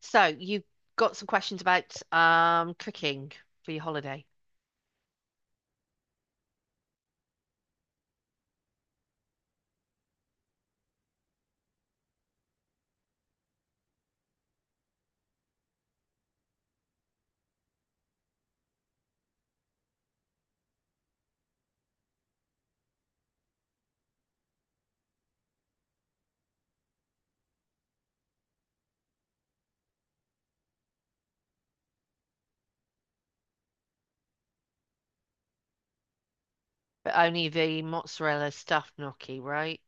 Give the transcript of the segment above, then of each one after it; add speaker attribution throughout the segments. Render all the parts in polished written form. Speaker 1: So you got some questions about cooking for your holiday. But only the mozzarella stuffed gnocchi, right?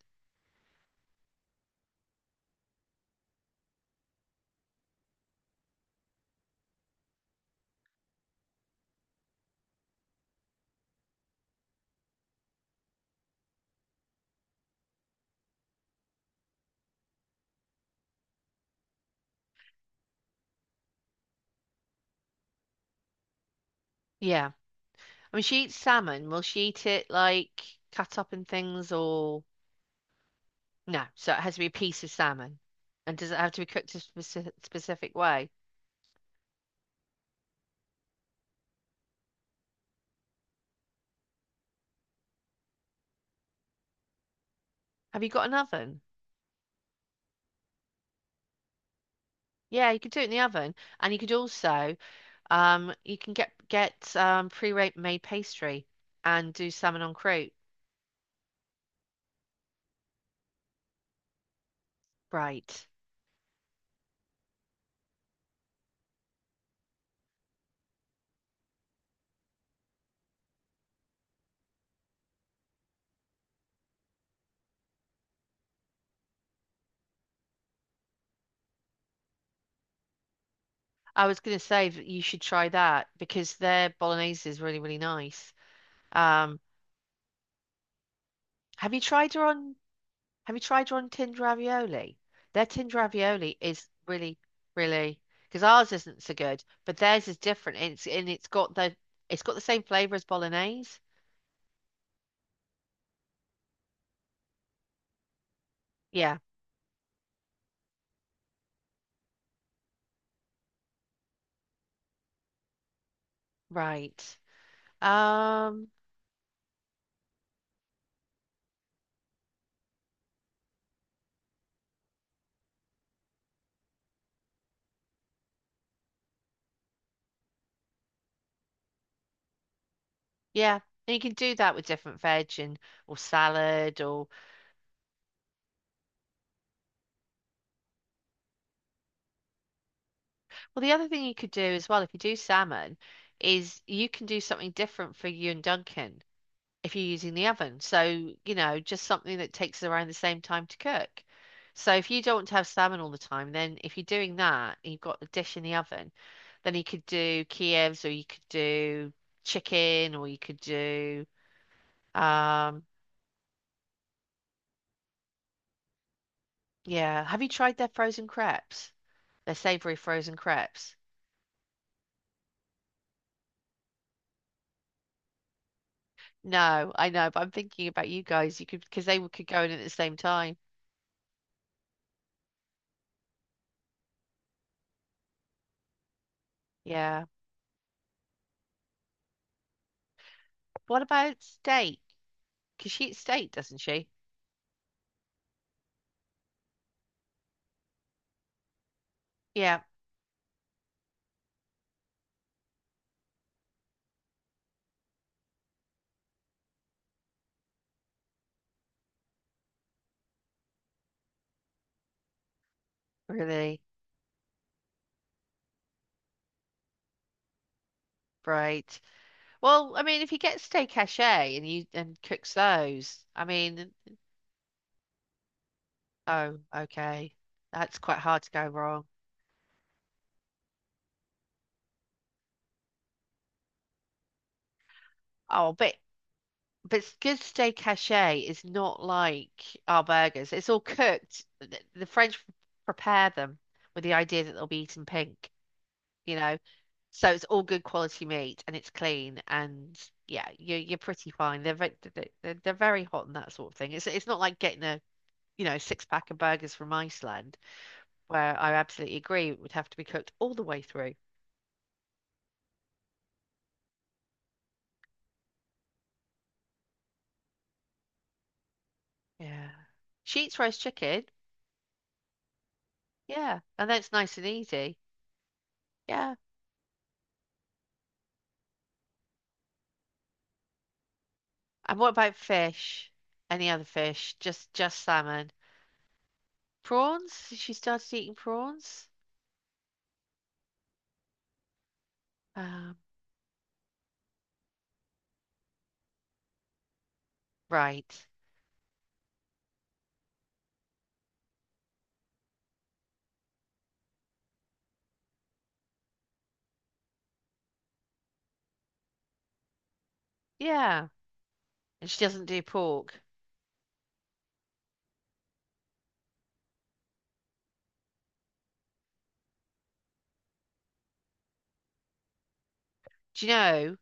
Speaker 1: Yeah, I mean, she eats salmon. Will she eat it like cut up in things or no? So it has to be a piece of salmon. And does it have to be cooked a specific way? Have you got an oven? Yeah, you could do it in the oven, and you could also you can get pre-made pastry and do salmon on croûte. Right. I was going to say that you should try that because their bolognese is really, really nice. Um, have you tried her on? Have you tried her on tinned ravioli? Their tinned ravioli is really, really, because ours isn't so good, but theirs is different. It's, and it's got the, it's got the same flavor as bolognese. Yeah, right. Um, yeah, and you can do that with different veg and or salad, or well, the other thing you could do as well if you do salmon is you can do something different for you and Duncan, if you're using the oven. So, you know, just something that takes around the same time to cook. So if you don't want to have salmon all the time, then if you're doing that and you've got the dish in the oven, then you could do Kievs, or you could do chicken, or you could do um, yeah. Have you tried their frozen crepes? Their savory frozen crepes? No, I know, but I'm thinking about you guys. You could, because they could go in at the same time. Yeah. What about steak? Because she eats steak, doesn't she? Yeah, really. Right. Well, I mean, if he gets steak haché and you and cooks those, I mean, oh, okay, that's quite hard to go wrong. Oh, but s- good steak haché is not like our burgers. It's all cooked. The French prepare them with the idea that they'll be eaten pink, you know. So it's all good quality meat and it's clean, and yeah, you're pretty fine. They're very, they're very hot and that sort of thing. It's not like getting a, you know, six pack of burgers from Iceland. Where I absolutely agree, it would have to be cooked all the way through. Yeah. Sheets roast chicken. Yeah, and that's nice and easy. Yeah. And what about fish? Any other fish? Just salmon. Prawns? She started eating prawns? Um, right. Yeah. And she doesn't do pork. Do you know,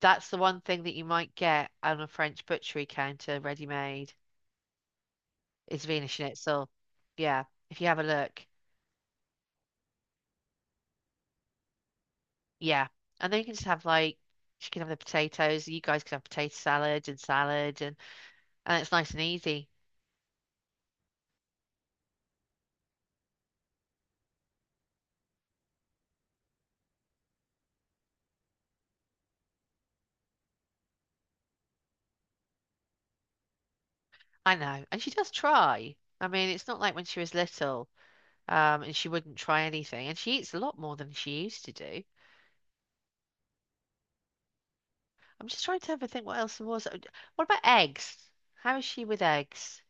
Speaker 1: that's the one thing that you might get on a French butchery counter ready made is Vena Schnitzel. Yeah, if you have a look. Yeah. And then you can just have like, she can have the potatoes, you guys can have potato salad and salad, and it's nice and easy. I know. And she does try. I mean, it's not like when she was little, and she wouldn't try anything. And she eats a lot more than she used to do. I'm just trying to have a think what else there was. What about eggs? How is she with eggs?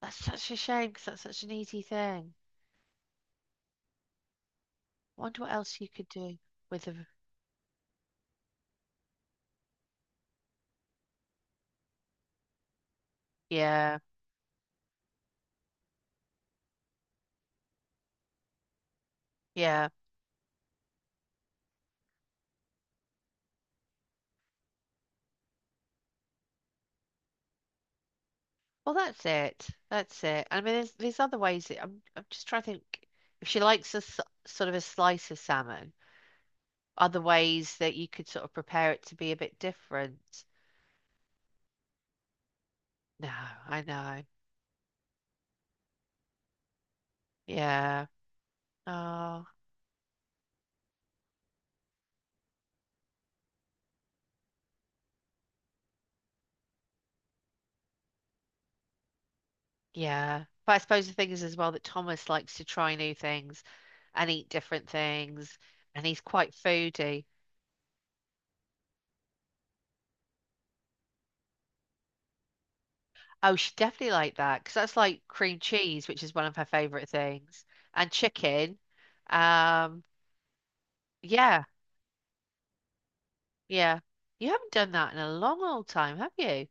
Speaker 1: That's such a shame because that's such an easy thing. I wonder what else you could do with a, yeah, yeah. Well, that's it. That's it. I mean, there's other ways. That- I'm just trying to think if she likes a s- sort of a slice of salmon, other ways that you could sort of prepare it to be a bit different. No, I know. Yeah. Oh, yeah. But I suppose the thing is as well that Thomas likes to try new things and eat different things, and he's quite foodie. Oh, she definitely liked that because that's like cream cheese, which is one of her favorite things, and chicken. Um, yeah. Yeah. You haven't done that in a long old time, have you?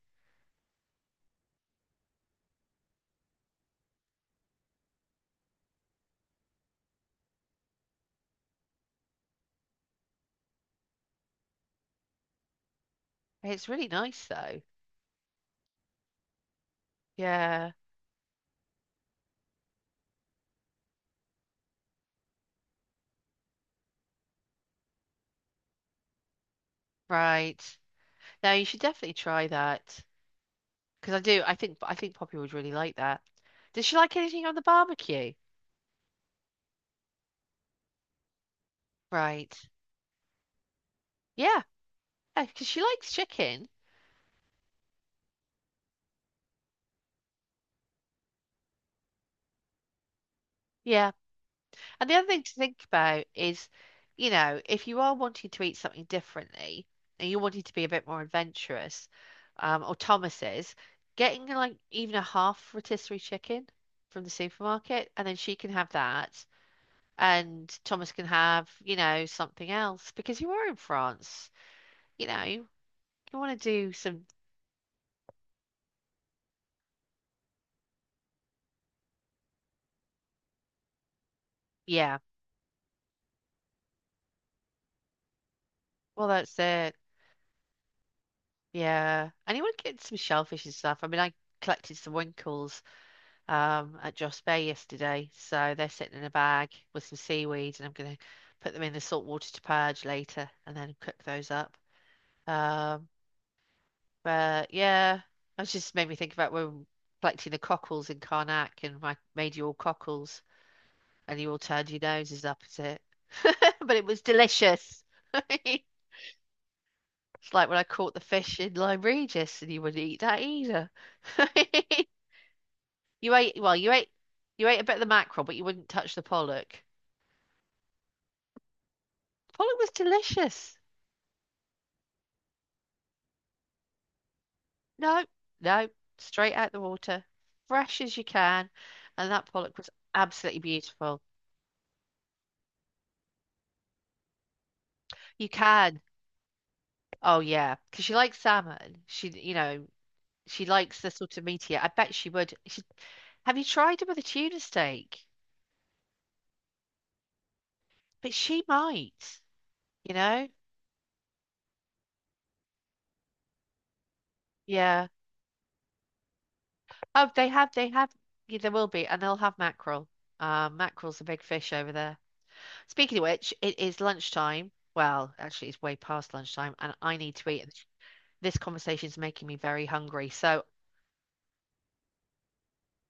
Speaker 1: It's really nice though. Yeah. Right. Now you should definitely try that, because I do. I think Poppy would really like that. Does she like anything on the barbecue? Right. Yeah, because she likes chicken. Yeah. And the other thing to think about is, you know, if you are wanting to eat something differently and you're wanting to be a bit more adventurous, or Thomas's, getting like even a half rotisserie chicken from the supermarket, and then she can have that, and Thomas can have, you know, something else because you are in France, you know, you want to do some, yeah, well, that's it, yeah, and you want to get some shellfish and stuff. I mean, I collected some winkles at Joss Bay yesterday. So they're sitting in a bag with some seaweed, and I'm going to put them in the salt water to purge later and then cook those up. Um, but yeah, it just made me think about when collecting the cockles in Karnak and I made you all cockles and you all turned your noses up at it. But it was delicious. It's like when I caught the fish in Lyme Regis and you wouldn't eat that either. You ate, well, you ate a bit of the mackerel, but you wouldn't touch the pollock. Pollock was delicious. No, no, straight out the water, fresh as you can. And that pollock was absolutely beautiful. You can. Oh yeah, because she likes salmon. She, you know, she likes the sort of meatier. I bet she would. She, have you tried it with a tuna steak? But she might, you know. Yeah. Oh, they have. They have. Yeah, there will be, and they'll have mackerel. Mackerel's a big fish over there. Speaking of which, it is lunchtime. Well, actually, it's way past lunchtime, and I need to eat. This conversation is making me very hungry. So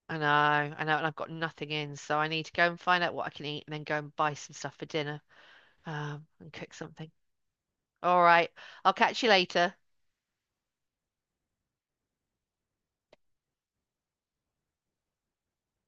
Speaker 1: I know, and I've got nothing in, so I need to go and find out what I can eat and then go and buy some stuff for dinner, and cook something. All right, I'll catch you later.